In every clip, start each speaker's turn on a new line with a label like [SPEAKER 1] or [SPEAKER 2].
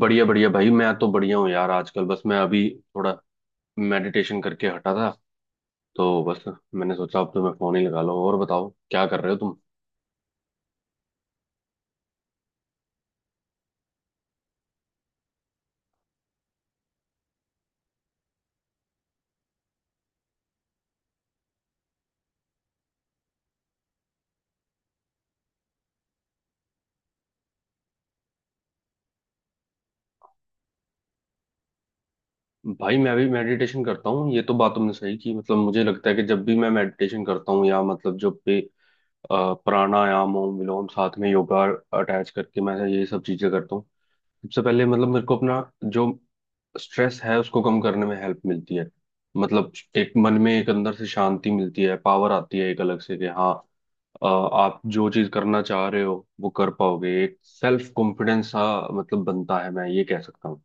[SPEAKER 1] बढ़िया बढ़िया भाई, मैं तो बढ़िया हूँ यार। आजकल बस मैं अभी थोड़ा मेडिटेशन करके हटा था। तो बस मैंने सोचा अब तो मैं फोन ही लगा लो और बताओ क्या कर रहे हो तुम। भाई मैं भी मेडिटेशन करता हूँ, ये तो बात तुमने सही की। मतलब मुझे लगता है कि जब भी मैं मेडिटेशन करता हूँ या मतलब जब भी प्राणायाम हो, विलोम, साथ में योगा अटैच करके मैं ये सब चीजें करता हूँ। सबसे पहले मतलब मेरे को अपना जो स्ट्रेस है उसको कम करने में हेल्प मिलती है। मतलब एक मन में, एक अंदर से शांति मिलती है, पावर आती है एक अलग से कि हाँ, आप जो चीज करना चाह रहे हो वो कर पाओगे। एक सेल्फ कॉन्फिडेंस सा मतलब बनता है, मैं ये कह सकता हूँ।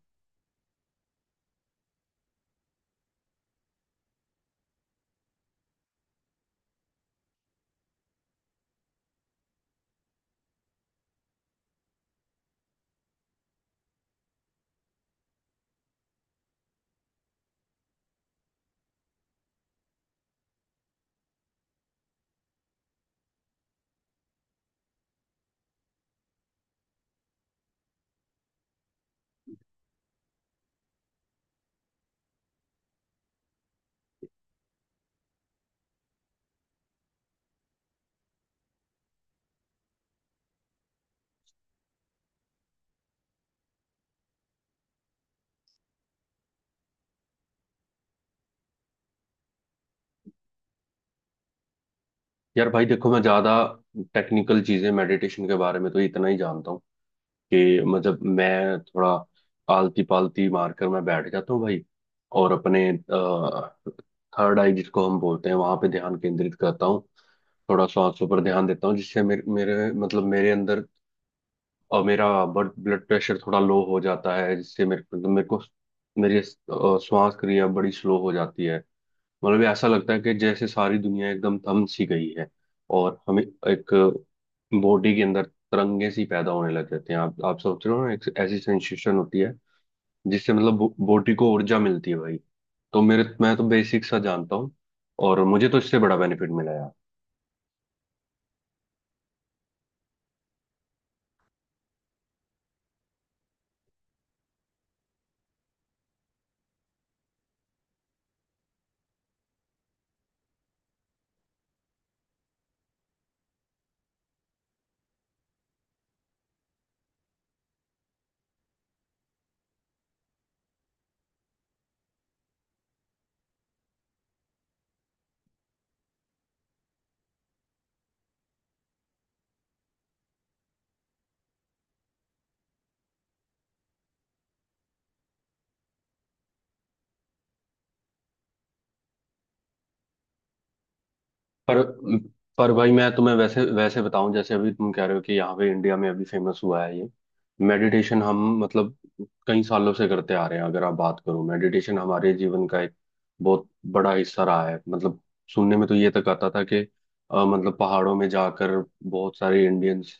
[SPEAKER 1] यार भाई देखो, मैं ज्यादा टेक्निकल चीजें मेडिटेशन के बारे में तो इतना ही जानता हूँ कि मतलब मैं थोड़ा आलती पालती मारकर मैं बैठ जाता हूँ भाई, और अपने थर्ड आई जिसको हम बोलते हैं वहां पे ध्यान केंद्रित करता हूँ। थोड़ा सांसों पर ध्यान देता हूँ जिससे मेरे मेरे मतलब मेरे अंदर और मेरा ब्लड ब्लड प्रेशर थोड़ा लो हो जाता है, जिससे मेरे को मेरी श्वास क्रिया बड़ी स्लो हो जाती है। मतलब ये ऐसा लगता है कि जैसे सारी दुनिया एकदम थम सी गई है, और हमें एक बॉडी के अंदर तरंगे सी पैदा होने लग जाते हैं। आप सोच रहे हो ना, एक ऐसी सेंसेशन होती है जिससे मतलब बॉडी को ऊर्जा मिलती है भाई। तो मेरे, मैं तो बेसिक सा जानता हूँ, और मुझे तो इससे बड़ा बेनिफिट मिला। पर पर भाई मैं तुम्हें वैसे वैसे बताऊं, जैसे अभी तुम कह रहे हो कि यहाँ पे इंडिया में अभी फेमस हुआ है ये मेडिटेशन। हम मतलब कई सालों से करते आ रहे हैं। अगर आप बात करो, मेडिटेशन हमारे जीवन का एक बहुत बड़ा हिस्सा रहा है। मतलब सुनने में तो ये तक आता था कि मतलब पहाड़ों में जाकर बहुत सारे इंडियंस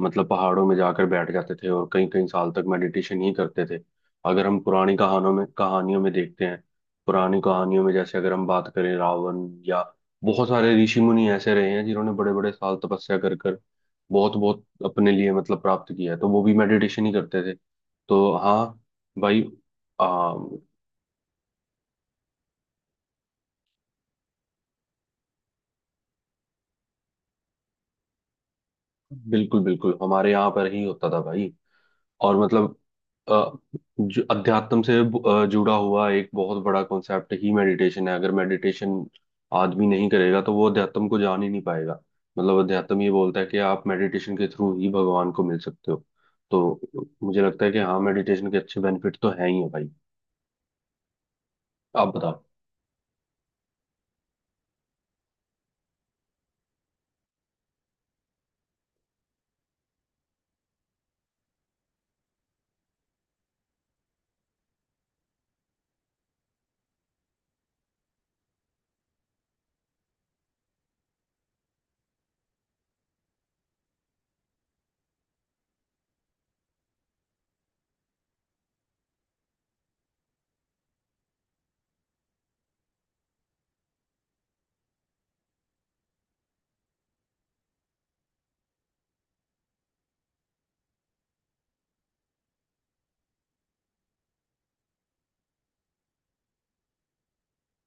[SPEAKER 1] मतलब पहाड़ों में जाकर बैठ जाते थे और कई कई साल तक मेडिटेशन ही करते थे। अगर हम पुरानी कहानों में कहानियों में देखते हैं, पुरानी कहानियों में जैसे अगर हम बात करें रावण या बहुत सारे ऋषि मुनि ऐसे रहे हैं जिन्होंने बड़े बड़े साल तपस्या कर कर बहुत बहुत अपने लिए मतलब प्राप्त किया है, तो वो भी मेडिटेशन ही करते थे। तो हाँ भाई। आ, बिल्कुल बिल्कुल हमारे यहाँ पर ही होता था भाई। और मतलब अ, जो अध्यात्म से जुड़ा हुआ एक बहुत बड़ा कॉन्सेप्ट ही मेडिटेशन है। अगर मेडिटेशन आदमी नहीं करेगा तो वो अध्यात्म को जान ही नहीं पाएगा। मतलब अध्यात्म ये बोलता है कि आप मेडिटेशन के थ्रू ही भगवान को मिल सकते हो। तो मुझे लगता है कि हाँ, मेडिटेशन के अच्छे बेनिफिट तो हैं ही है भाई। आप बताओ।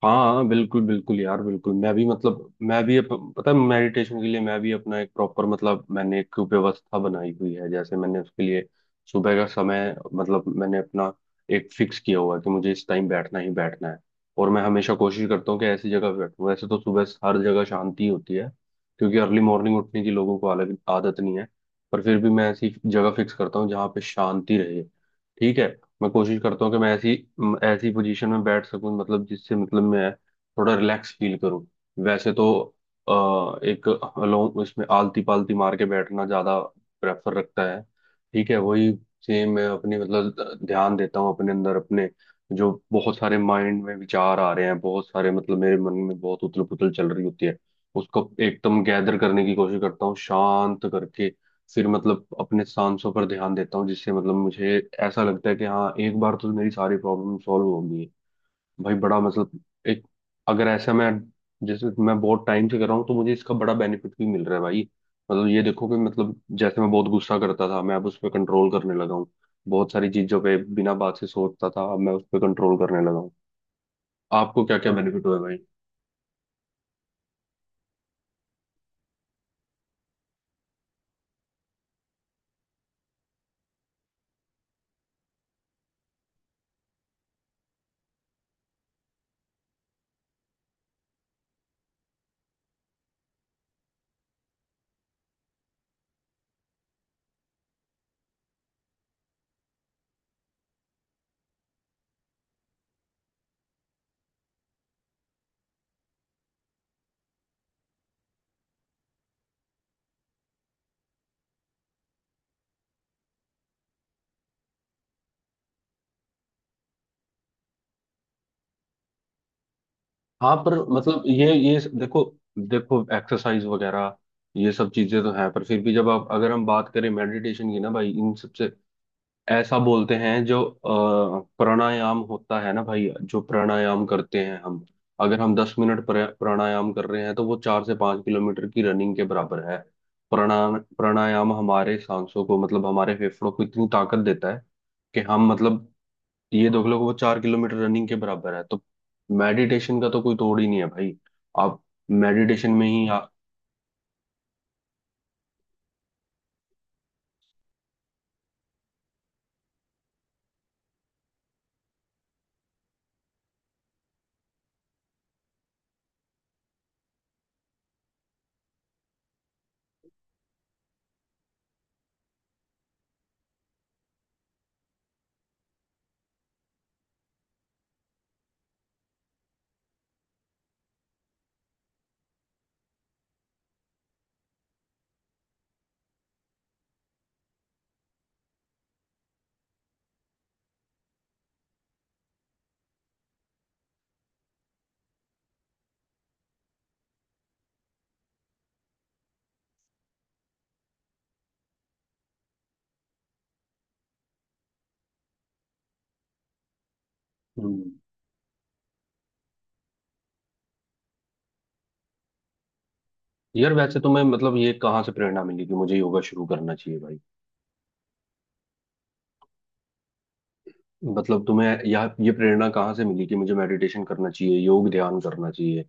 [SPEAKER 1] हाँ हाँ बिल्कुल बिल्कुल यार, बिल्कुल। मैं भी मतलब मैं भी पता है मेडिटेशन के लिए मैं भी अपना एक प्रॉपर मतलब मैंने एक व्यवस्था बनाई हुई है। जैसे मैंने उसके लिए सुबह का समय मतलब मैंने अपना एक फिक्स किया हुआ है कि मुझे इस टाइम बैठना ही बैठना है। और मैं हमेशा कोशिश करता हूँ कि ऐसी जगह पे बैठूँ। वैसे तो सुबह हर जगह शांति होती है, क्योंकि अर्ली मॉर्निंग उठने की लोगों को अलग आदत नहीं है। पर फिर भी मैं ऐसी जगह फिक्स करता हूँ जहाँ पे शांति रहे। ठीक है, मैं कोशिश करता हूँ कि मैं ऐसी ऐसी पोजीशन में बैठ सकूं मतलब, जिससे मतलब मैं थोड़ा रिलैक्स फील करूँ। वैसे तो एक अलोंग इसमें आलती पालती मार के बैठना ज़्यादा प्रेफर रखता है। ठीक है, वही सेम मैं अपनी मतलब ध्यान देता हूँ अपने अंदर। अपने जो बहुत सारे माइंड में विचार आ रहे हैं, बहुत सारे मतलब मेरे मन में बहुत उथल पुथल चल रही होती है, उसको एकदम गैदर करने की कोशिश करता हूँ शांत करके। फिर मतलब अपने सांसों पर ध्यान देता हूँ, जिससे मतलब मुझे ऐसा लगता है कि हाँ, एक बार तो मेरी सारी प्रॉब्लम सॉल्व होगी भाई। बड़ा मतलब एक, अगर ऐसा मैं, जैसे मैं बहुत टाइम से कर रहा हूँ तो मुझे इसका बड़ा बेनिफिट भी मिल रहा है भाई। मतलब ये देखो कि मतलब जैसे मैं बहुत गुस्सा करता था, मैं अब उस पर कंट्रोल करने लगा हूँ। बहुत सारी चीजों पे बिना बात से सोचता था, अब मैं उस पर कंट्रोल करने लगा हूँ। आपको क्या क्या बेनिफिट हुआ है भाई? हाँ पर मतलब ये देखो, देखो एक्सरसाइज वगैरह ये सब चीजें तो हैं, पर फिर भी जब आप, अगर हम बात करें मेडिटेशन की ना भाई, इन सबसे ऐसा बोलते हैं। जो प्राणायाम होता है ना भाई, जो प्राणायाम करते हैं हम, अगर हम दस मिनट प्राणायाम कर रहे हैं तो वो चार से पांच किलोमीटर की रनिंग के बराबर है। प्राणायाम प्राणायाम हमारे सांसों को मतलब हमारे फेफड़ों को इतनी ताकत देता है कि हम मतलब, ये देख लो कि वो चार किलोमीटर रनिंग के बराबर है। तो मेडिटेशन का तो कोई तोड़ ही नहीं है भाई। आप मेडिटेशन में ही आ... हम्म। यार वैसे तुम्हें मतलब ये कहाँ से प्रेरणा मिली कि मुझे योगा शुरू करना चाहिए भाई? मतलब तुम्हें या ये प्रेरणा कहाँ से मिली कि मुझे मेडिटेशन करना चाहिए, योग ध्यान करना चाहिए?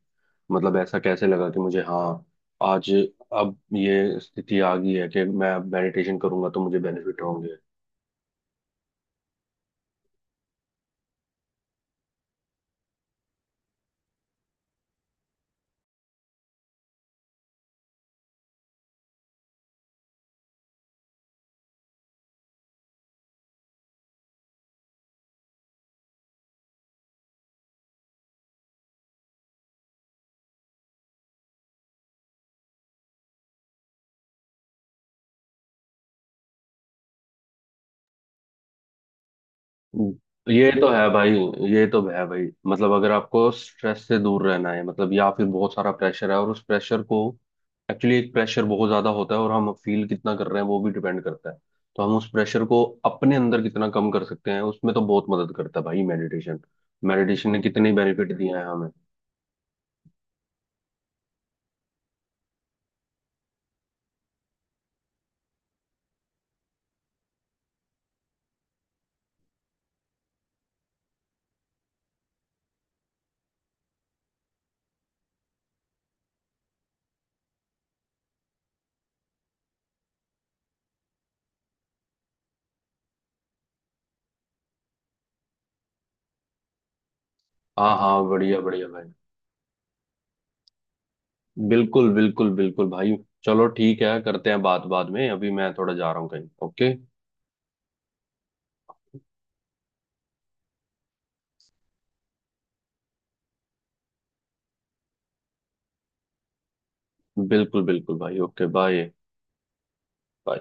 [SPEAKER 1] मतलब ऐसा कैसे लगा कि मुझे हाँ, आज अब ये स्थिति आ गई है कि मैं मेडिटेशन करूंगा तो मुझे बेनिफिट होंगे? ये तो है भाई। ये तो है भाई, मतलब अगर आपको स्ट्रेस से दूर रहना है मतलब, या फिर बहुत सारा प्रेशर है और उस प्रेशर को एक्चुअली, एक प्रेशर बहुत ज्यादा होता है और हम फील कितना कर रहे हैं वो भी डिपेंड करता है। तो हम उस प्रेशर को अपने अंदर कितना कम कर सकते हैं, उसमें तो बहुत मदद करता है भाई मेडिटेशन। मेडिटेशन ने कितने बेनिफिट दिए हैं हमें। हाँ हाँ बढ़िया बढ़िया भाई। बिल्कुल बिल्कुल बिल्कुल भाई। चलो ठीक है, करते हैं बात बाद में, अभी मैं थोड़ा जा रहा हूँ कहीं। ओके। बिल्कुल बिल्कुल भाई, ओके बाय। बाय।